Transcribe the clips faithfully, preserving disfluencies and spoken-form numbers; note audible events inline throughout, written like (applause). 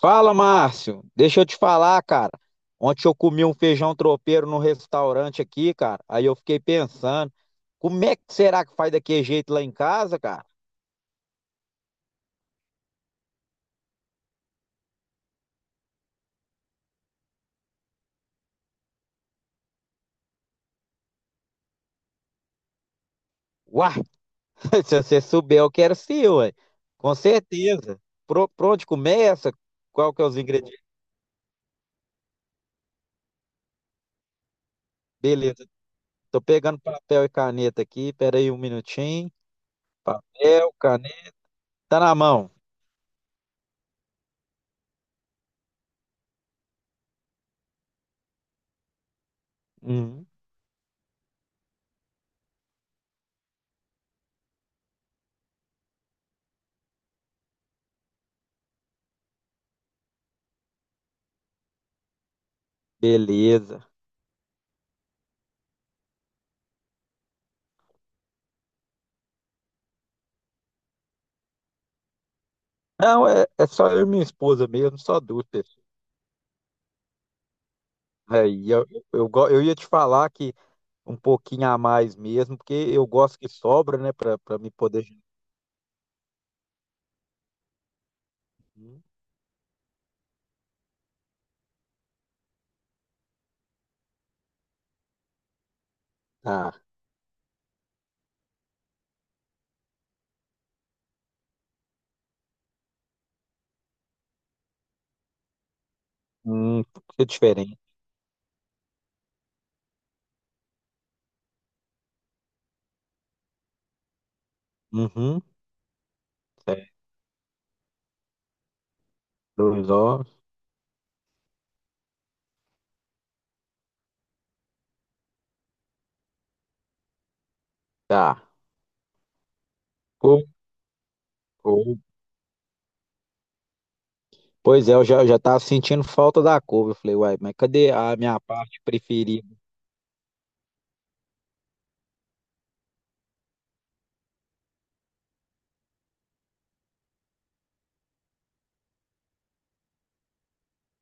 Fala, Márcio. Deixa eu te falar, cara. Ontem eu comi um feijão tropeiro no restaurante aqui, cara. Aí eu fiquei pensando, como é que será que faz daquele jeito lá em casa, cara? Uai, (laughs) se você souber, eu quero sim, ué. Com certeza. Pro, pra onde começa? Qual que é os ingredientes? Beleza. Tô pegando papel e caneta aqui. Pera aí um minutinho. Papel, caneta. Tá na mão. Uhum. Beleza. Não, é, é só eu e minha esposa mesmo, só duas pessoas. É, e eu, eu, go- eu ia te falar que um pouquinho a mais mesmo, porque eu gosto que sobra, né, para para me poder. Hum. Tá. Hum. Que diferente. Uhum. Certo. Dois ovos. Tá. Couve, couve. Pois é, eu já, já tava sentindo falta da couve. Eu falei, uai, mas cadê a minha parte preferida?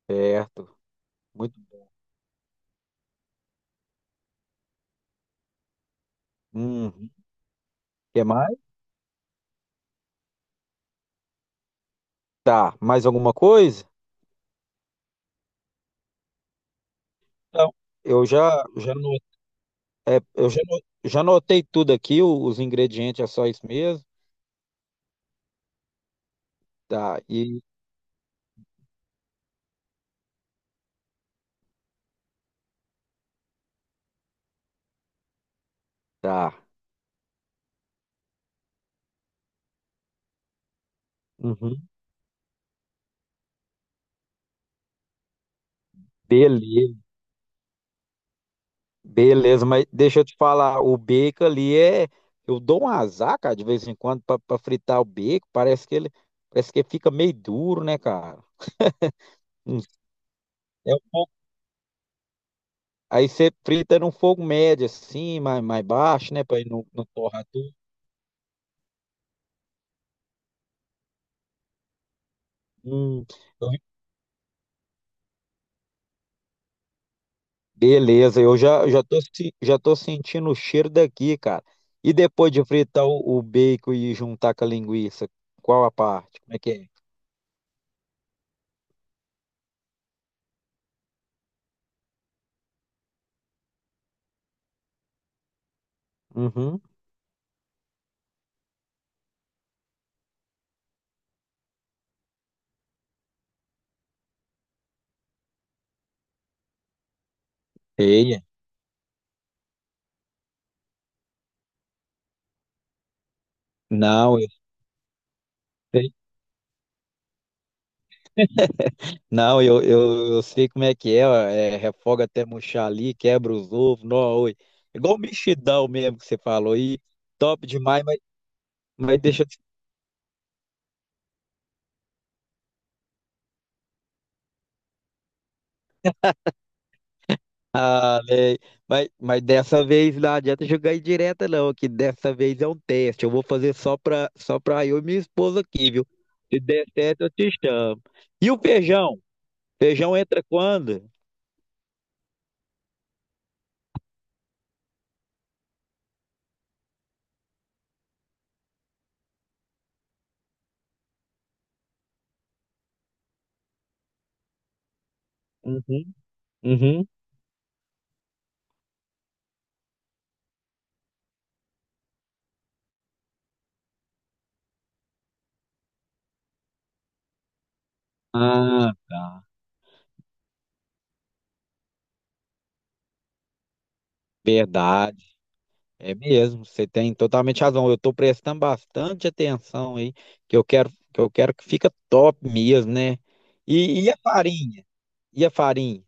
Certo. Muito. Uhum. Quer mais? Tá. Mais alguma coisa? Então, eu já, já, no- é, eu já, no- já notei tudo aqui, o- os ingredientes é só isso mesmo. Tá. Tá. Uhum. Beleza, beleza, mas deixa eu te falar, o bacon ali é. Eu dou um azar, cara, de vez em quando, pra, pra fritar o bacon. Parece que ele parece que fica meio duro, né, cara? Hum. É um pouco. Aí você frita num fogo médio, assim, mais, mais baixo, né? Pra ele não, não torrar tudo. Hum, eu- beleza, eu já, já tô, se- já tô sentindo o cheiro daqui, cara. E depois de fritar o, o bacon e juntar com a linguiça, qual a parte? Como é que é? Uhum. Sei. Não, eu sei. Não, eu, eu, eu sei como é que é, ó, é, refoga até murchar ali, quebra os ovos, nó, oi. Igual o mexidão mesmo que você falou aí, top demais, mas, mas deixa eu te falar, né? mas, mas dessa vez não adianta jogar aí direta não, que dessa vez é um teste, eu vou fazer só pra, só pra eu e minha esposa aqui, viu? Se der certo, eu te chamo. E o feijão? Feijão entra quando? Uhum, uhum. Ah, tá. Verdade. É mesmo, você tem totalmente razão. Eu estou prestando bastante atenção aí, que eu quero, que eu quero que fica top mesmo, né? E, e a farinha? E a farinha?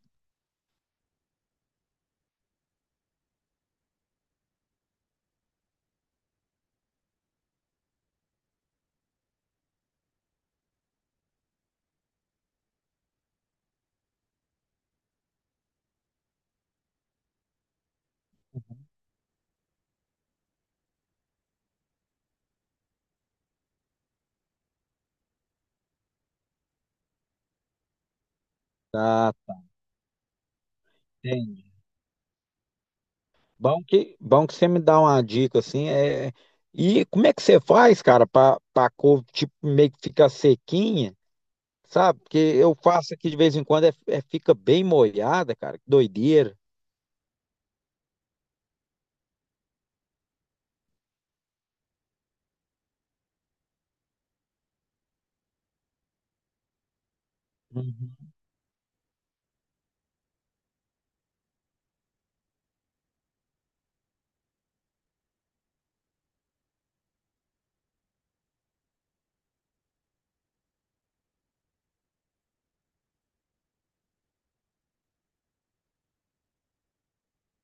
Tá, tá, entende? Bom que, bom que você me dá uma dica assim, é... E como é que você faz, cara, para para couve tipo meio que ficar sequinha, sabe? Porque eu faço aqui de vez em quando é, é- fica bem molhada, cara. Que doideira.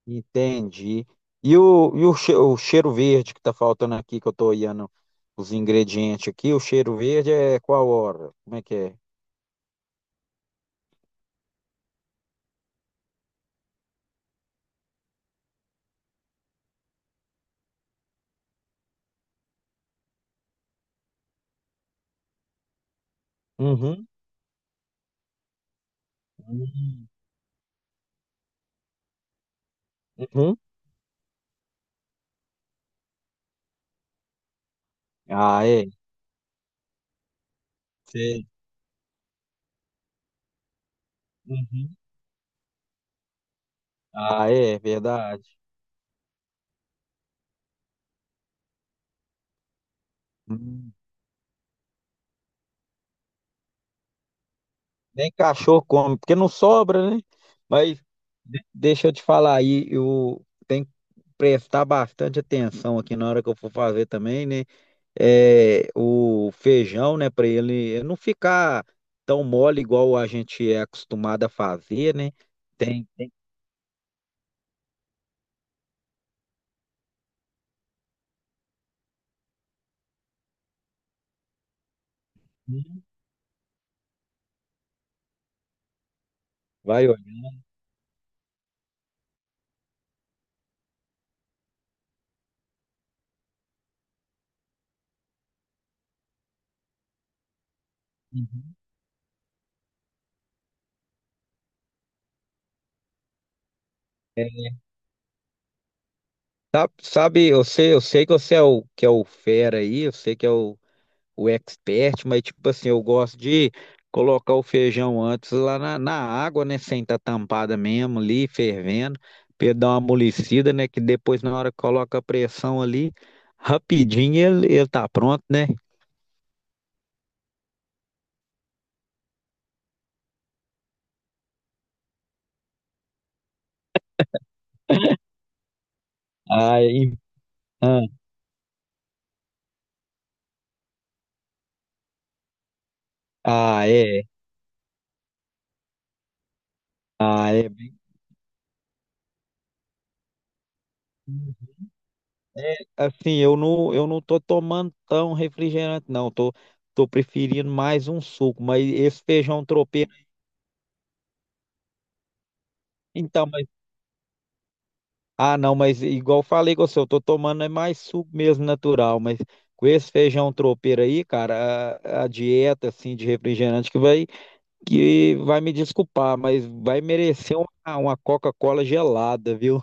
Entendi. E o, e o, che- o cheiro verde que tá faltando aqui, que eu tô olhando os ingredientes aqui, o cheiro verde é qual hora? Como é que é? Uhum. Uhum. Uhum. Ah, é. Sei. Uhum. Ah, é, verdade. Hum, Nem cachorro come, porque não sobra, né? Mas de- deixa eu te falar aí, eu tenho que prestar bastante atenção aqui na hora que eu for fazer também, né? É, o feijão, né, para ele não ficar tão mole igual a gente é acostumado a fazer, né? Tem, tem, vai olhando. Uhum. Sabe, sabe, eu sei, eu sei que você é o que é o fera aí, eu sei que é o, o expert, mas tipo assim, eu gosto de colocar o feijão antes lá na, na água, né, sem estar tampada mesmo ali, fervendo, pra ele dar uma amolecida, né, que depois na hora que coloca a pressão ali, rapidinho ele, ele tá pronto, né? Ah. Ah, ah, é. Ah, é bem. É, assim, eu não, eu não tô tomando tão refrigerante, não. Tô, tô preferindo mais um suco, mas esse feijão tropeiro. Então, mas. Ah, não, mas igual eu falei com você, eu tô tomando é mais suco mesmo natural, mas com esse feijão tropeiro aí, cara, a, a dieta, assim, de refrigerante que vai, que vai, me desculpar, mas vai merecer uma, uma Coca-Cola gelada, viu?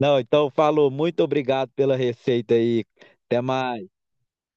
Não, então falou, muito obrigado pela receita aí. Até mais.